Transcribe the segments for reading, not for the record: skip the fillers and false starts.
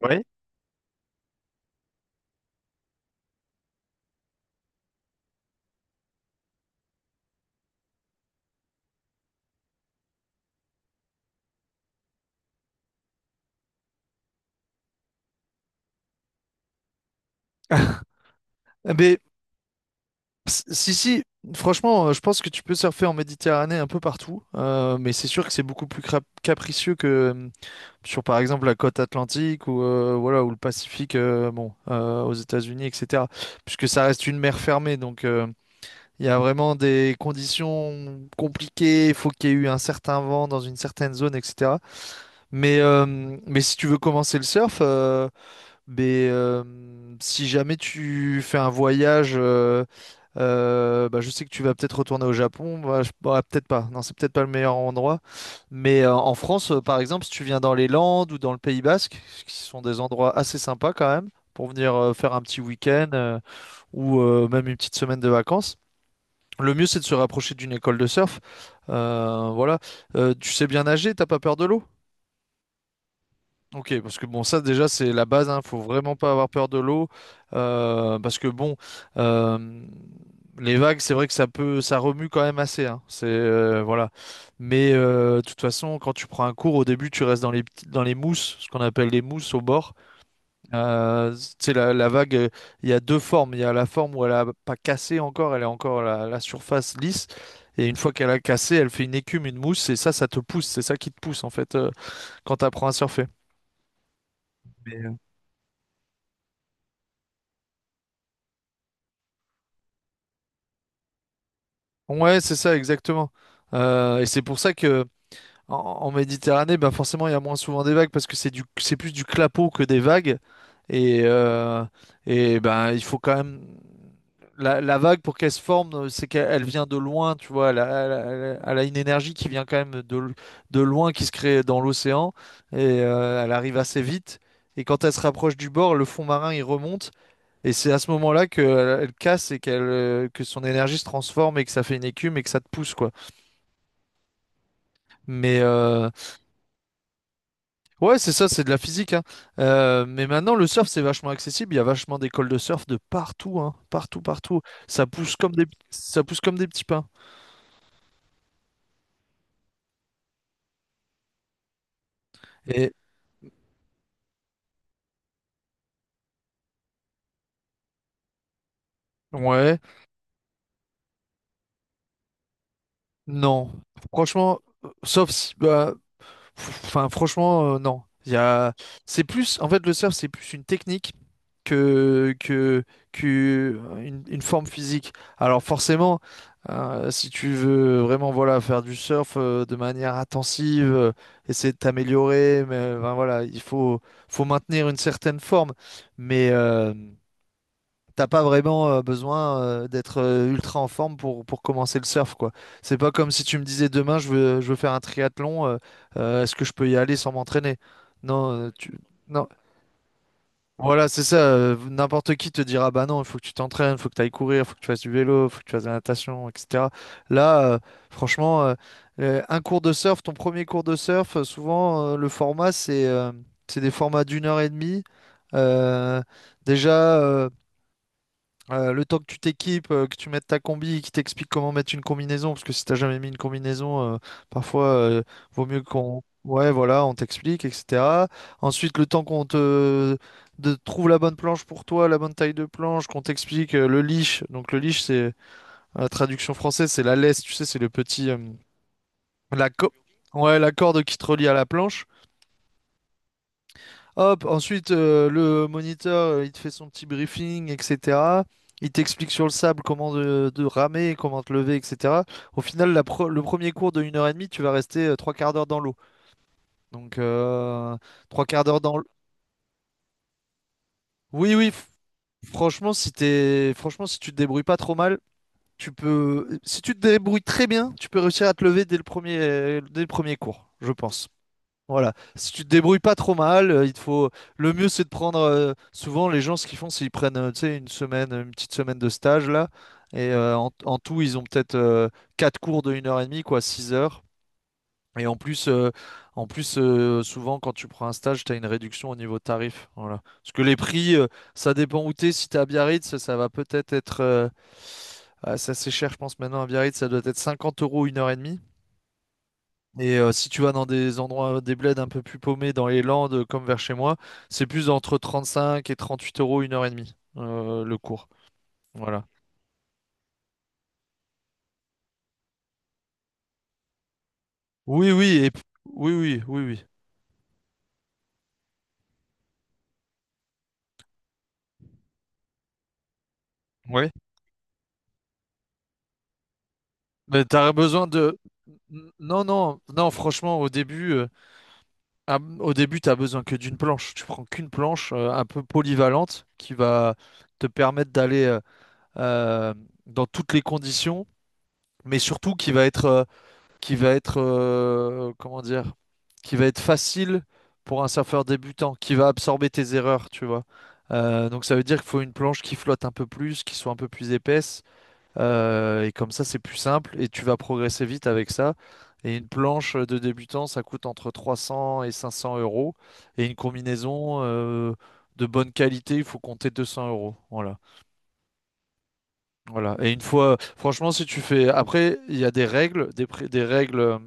Oui. Ah, Mais si, franchement, je pense que tu peux surfer en Méditerranée un peu partout, mais c'est sûr que c'est beaucoup plus capricieux que sur, par exemple, la côte atlantique ou, voilà, ou le Pacifique, bon, aux États-Unis, etc. Puisque ça reste une mer fermée, donc il y a vraiment des conditions compliquées. Il faut qu'il y ait eu un certain vent dans une certaine zone, etc. Mais, euh, mais si tu veux commencer le surf. Mais si jamais tu fais un voyage, bah, je sais que tu vas peut-être retourner au Japon. Bah, peut-être pas. Non, c'est peut-être pas le meilleur endroit. Mais en France, par exemple, si tu viens dans les Landes ou dans le Pays Basque, qui sont des endroits assez sympas quand même, pour venir faire un petit week-end, ou même une petite semaine de vacances, le mieux c'est de se rapprocher d'une école de surf. Voilà. Tu sais bien nager, t'as pas peur de l'eau? Ok, parce que bon, ça déjà c'est la base, hein, faut vraiment pas avoir peur de l'eau, parce que bon, euh, les vagues, c'est vrai que ça peut, ça remue quand même assez, hein, c'est voilà. Mais de toute façon, quand tu prends un cours, au début, tu restes dans les dans les mousses, ce qu'on appelle les mousses au bord. Tu sais, la vague, il y a deux formes. Il y a la forme où elle a pas cassé encore, elle est encore la, la surface lisse, et une fois qu'elle a cassé, elle fait une écume, une mousse, et ça te pousse, c'est ça qui te pousse en fait quand tu apprends à surfer. Ouais, c'est ça, exactement. Et c'est pour ça que en, en Méditerranée, ben forcément, il y a moins souvent des vagues parce que c'est du, c'est plus du clapot que des vagues. Et, euh, et ben, il faut quand même la, la vague pour qu'elle se forme, c'est qu'elle elle vient de loin, tu vois. Elle elle elle elle a une énergie qui vient quand même de, de loin, qui se crée dans l'océan et elle arrive assez vite. Et quand elle se rapproche du bord, le fond marin il remonte. Et c'est à ce moment-là que elle, elle casse et qu'elle que son énergie se transforme et que ça fait une écume et que ça te pousse quoi. Mais ouais, c'est ça, c'est de la physique hein. Mais maintenant le surf c'est vachement accessible, il y a vachement d'écoles de surf de partout hein, partout partout. Ça pousse comme des ça pousse comme des petits pains. Et ouais, non. Franchement, sauf si bah, pff, enfin franchement non. Il y a c'est plus en fait le surf c'est plus une technique que, que, que une forme physique. Alors forcément, si tu veux vraiment voilà, faire du surf de manière intensive, essayer de t'améliorer, mais ben, voilà, il faut, faut maintenir une certaine forme. Mais t'as pas vraiment besoin d'être ultra en forme pour commencer le surf, quoi. C'est pas comme si tu me disais demain je veux faire un triathlon, est-ce que je peux y aller sans m'entraîner? Non, tu... non, voilà, c'est ça. N'importe qui te dira, bah non, il faut que tu t'entraînes, il faut que tu ailles courir, il faut que tu fasses du vélo, il faut que tu fasses de la natation, etc. Là, franchement, un cours de surf, ton premier cours de surf, souvent, le format, c'est des formats d'une heure et demie. Euh, Déjà, le temps que tu t'équipes, que tu mettes ta combi, qui t'explique comment mettre une combinaison, parce que si t'as jamais mis une combinaison, parfois vaut mieux qu'on. Ouais, voilà, on t'explique, etc. Ensuite, le temps qu'on te de trouve la bonne planche pour toi, la bonne taille de planche, qu'on t'explique le leash. Donc le leash, c'est la traduction française, c'est la laisse, tu sais, c'est le petit la co- ouais, la corde qui te relie à la planche. Hop, ensuite, le moniteur, il te fait son petit briefing, etc. Il t'explique sur le sable comment de ramer, comment te lever, etc. Au final, la le premier cours de une heure et demie tu vas rester trois quarts d'heure dans l'eau. Donc, trois quarts d'heure dans l'eau. Oui, oui, franchement, si t'es... franchement, si tu te débrouilles pas trop mal, tu peux... Si tu te débrouilles très bien, tu peux réussir à te lever dès le premier cours, je pense. Voilà. Si tu te débrouilles pas trop mal, il te faut. Le mieux, c'est de prendre. Souvent, les gens, ce qu'ils font, c'est qu'ils prennent, tu sais, une semaine, une petite semaine de stage là. Et en, en tout, ils ont peut-être quatre cours de une heure et demie, quoi, 6 heures. Et en plus, souvent, quand tu prends un stage, tu as une réduction au niveau tarif. Voilà. Parce que les prix, ça dépend où t'es. Si t'es à Biarritz, ça va peut-être être. Ah, ça, c'est cher, je pense, maintenant à Biarritz, ça doit être 50 € une heure et demie. Et si tu vas dans des endroits, des bleds un peu plus paumés dans les Landes, comme vers chez moi, c'est plus entre 35 et 38 € une heure et demie, le cours. Voilà. Oui, oui, oui, oui, oui, oui. Oui. Mais t'as besoin de. Non, non, non, franchement, au début, ah, au début, t'as besoin que d'une planche. Tu prends qu'une planche un peu polyvalente qui va te permettre d'aller euh, dans toutes les conditions, mais surtout qui va être, comment dire, qui va être facile pour un surfeur débutant, qui va absorber tes erreurs, tu vois. Donc ça veut dire qu'il faut une planche qui flotte un peu plus, qui soit un peu plus épaisse, et comme ça c'est plus simple et tu vas progresser vite avec ça. Et une planche de débutant, ça coûte entre 300 et 500 euros, et une combinaison de bonne qualité, il faut compter 200 euros. Voilà. Voilà. Et une fois, franchement, si tu fais, après, il y a des règles, des, des règles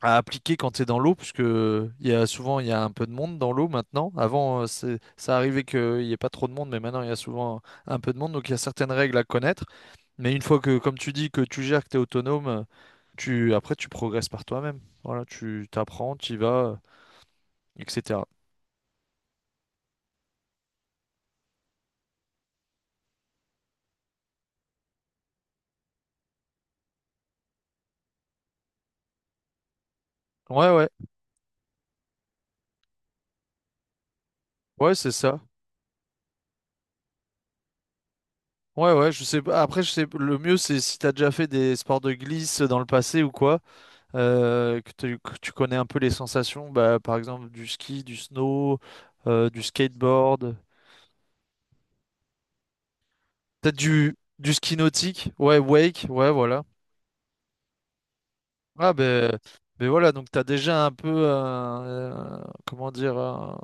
à appliquer quand tu es dans l'eau, puisque il y a souvent il y a un peu de monde dans l'eau maintenant. Avant, c'est- ça arrivait qu'il n'y ait pas trop de monde, mais maintenant il y a souvent un peu de monde, donc il y a certaines règles à connaître. Mais une fois que, comme tu dis, que tu gères, que tu es autonome, tu après tu progresses par toi-même. Voilà, tu t'apprends, tu y vas, etc. Ouais, ouais, ouais, c'est ça. Ouais, ouais, je sais pas. Après, je sais, le mieux, c'est si t'as déjà fait des sports de glisse dans le passé ou quoi. Que, tu que tu connais un peu les sensations, bah, par exemple du ski, du snow, du skateboard, peut-être du ski nautique, ouais, wake, ouais, voilà. Ah ben, ben voilà, donc tu as déjà un peu, comment dire,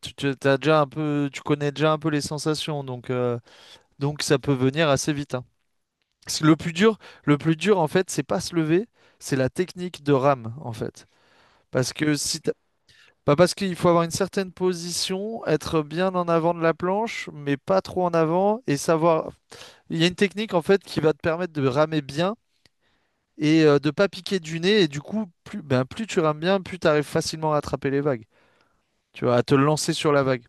tu, t'as déjà un peu, tu connais déjà un peu les sensations, donc ça peut venir assez vite, hein. Parce que le plus dur, le plus dur en fait, c'est pas se lever, c'est la technique de rame en fait. Parce que si tu... Bah parce qu'il faut avoir une certaine position, être bien en avant de la planche, mais pas trop en avant, et savoir. Il y a une technique en fait qui va te permettre de ramer bien et de pas piquer du nez, et du coup, plus, ben, plus tu rames bien, plus tu arrives facilement à attraper les vagues, tu vois, à te lancer sur la vague.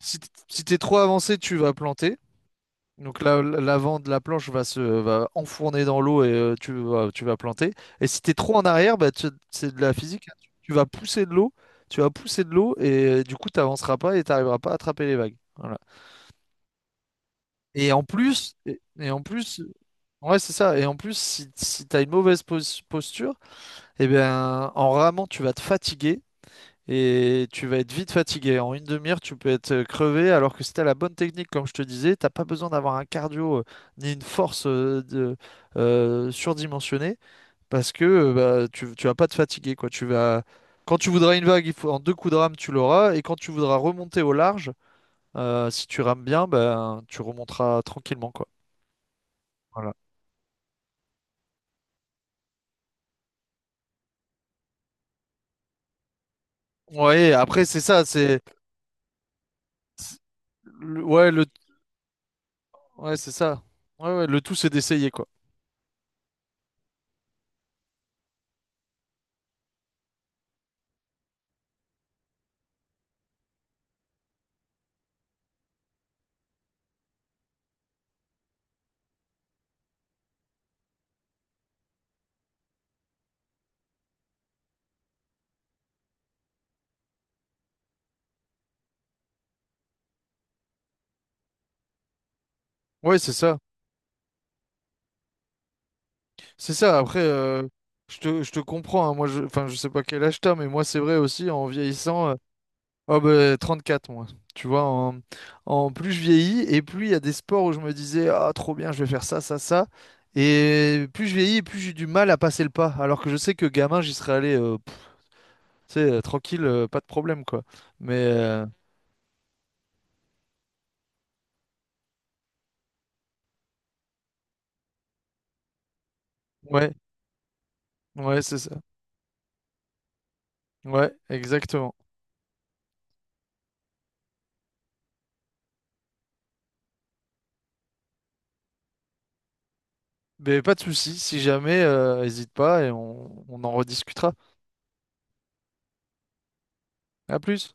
Si t'es trop avancé, tu vas planter. Donc l'avant de la planche va se va enfourner dans l'eau et tu vas planter. Et si tu es trop en arrière, bah, tu- c'est de la physique. Hein. Tu vas pousser de l'eau, tu vas pousser de l'eau et du coup tu n'avanceras pas et tu n'arriveras pas à attraper les vagues. Voilà. Et en plus, ouais, c'est ça. Et en plus, si, si tu as une mauvaise posture, eh bien, en ramant, tu vas te fatiguer et tu vas être vite fatigué. En une demi-heure, tu peux être crevé, alors que si t'as la bonne technique, comme je te disais, t'as pas besoin d'avoir un cardio ni une force de, surdimensionnée, parce que bah, tu vas pas te fatiguer, quoi. Tu vas... Quand tu voudras une vague, il faut... en deux coups de rame, tu l'auras, et quand tu voudras remonter au large, si tu rames bien, ben, tu remonteras tranquillement, quoi. Voilà. Ouais, après, c'est ça, c'est... le... ouais, c'est ça. Ouais, ouais, le tout, c'est d'essayer, quoi. Ouais, c'est ça. C'est ça, après, je te comprends, hein, moi, je, enfin, je sais pas quel âge t'as, mais moi, c'est vrai aussi, en vieillissant, oh, ben, 34 moi, tu vois, en, en plus je vieillis, et plus il y a des sports où je me disais, ah, trop bien, je vais faire ça, ça, ça, et plus je vieillis, plus j'ai du mal à passer le pas, alors que je sais que gamin, j'y serais allé, pff, tu sais, tranquille, pas de problème, quoi, mais, ouais, ouais, c'est ça, ouais, exactement, mais pas de souci, si jamais, hésite pas, et on en rediscutera, à plus.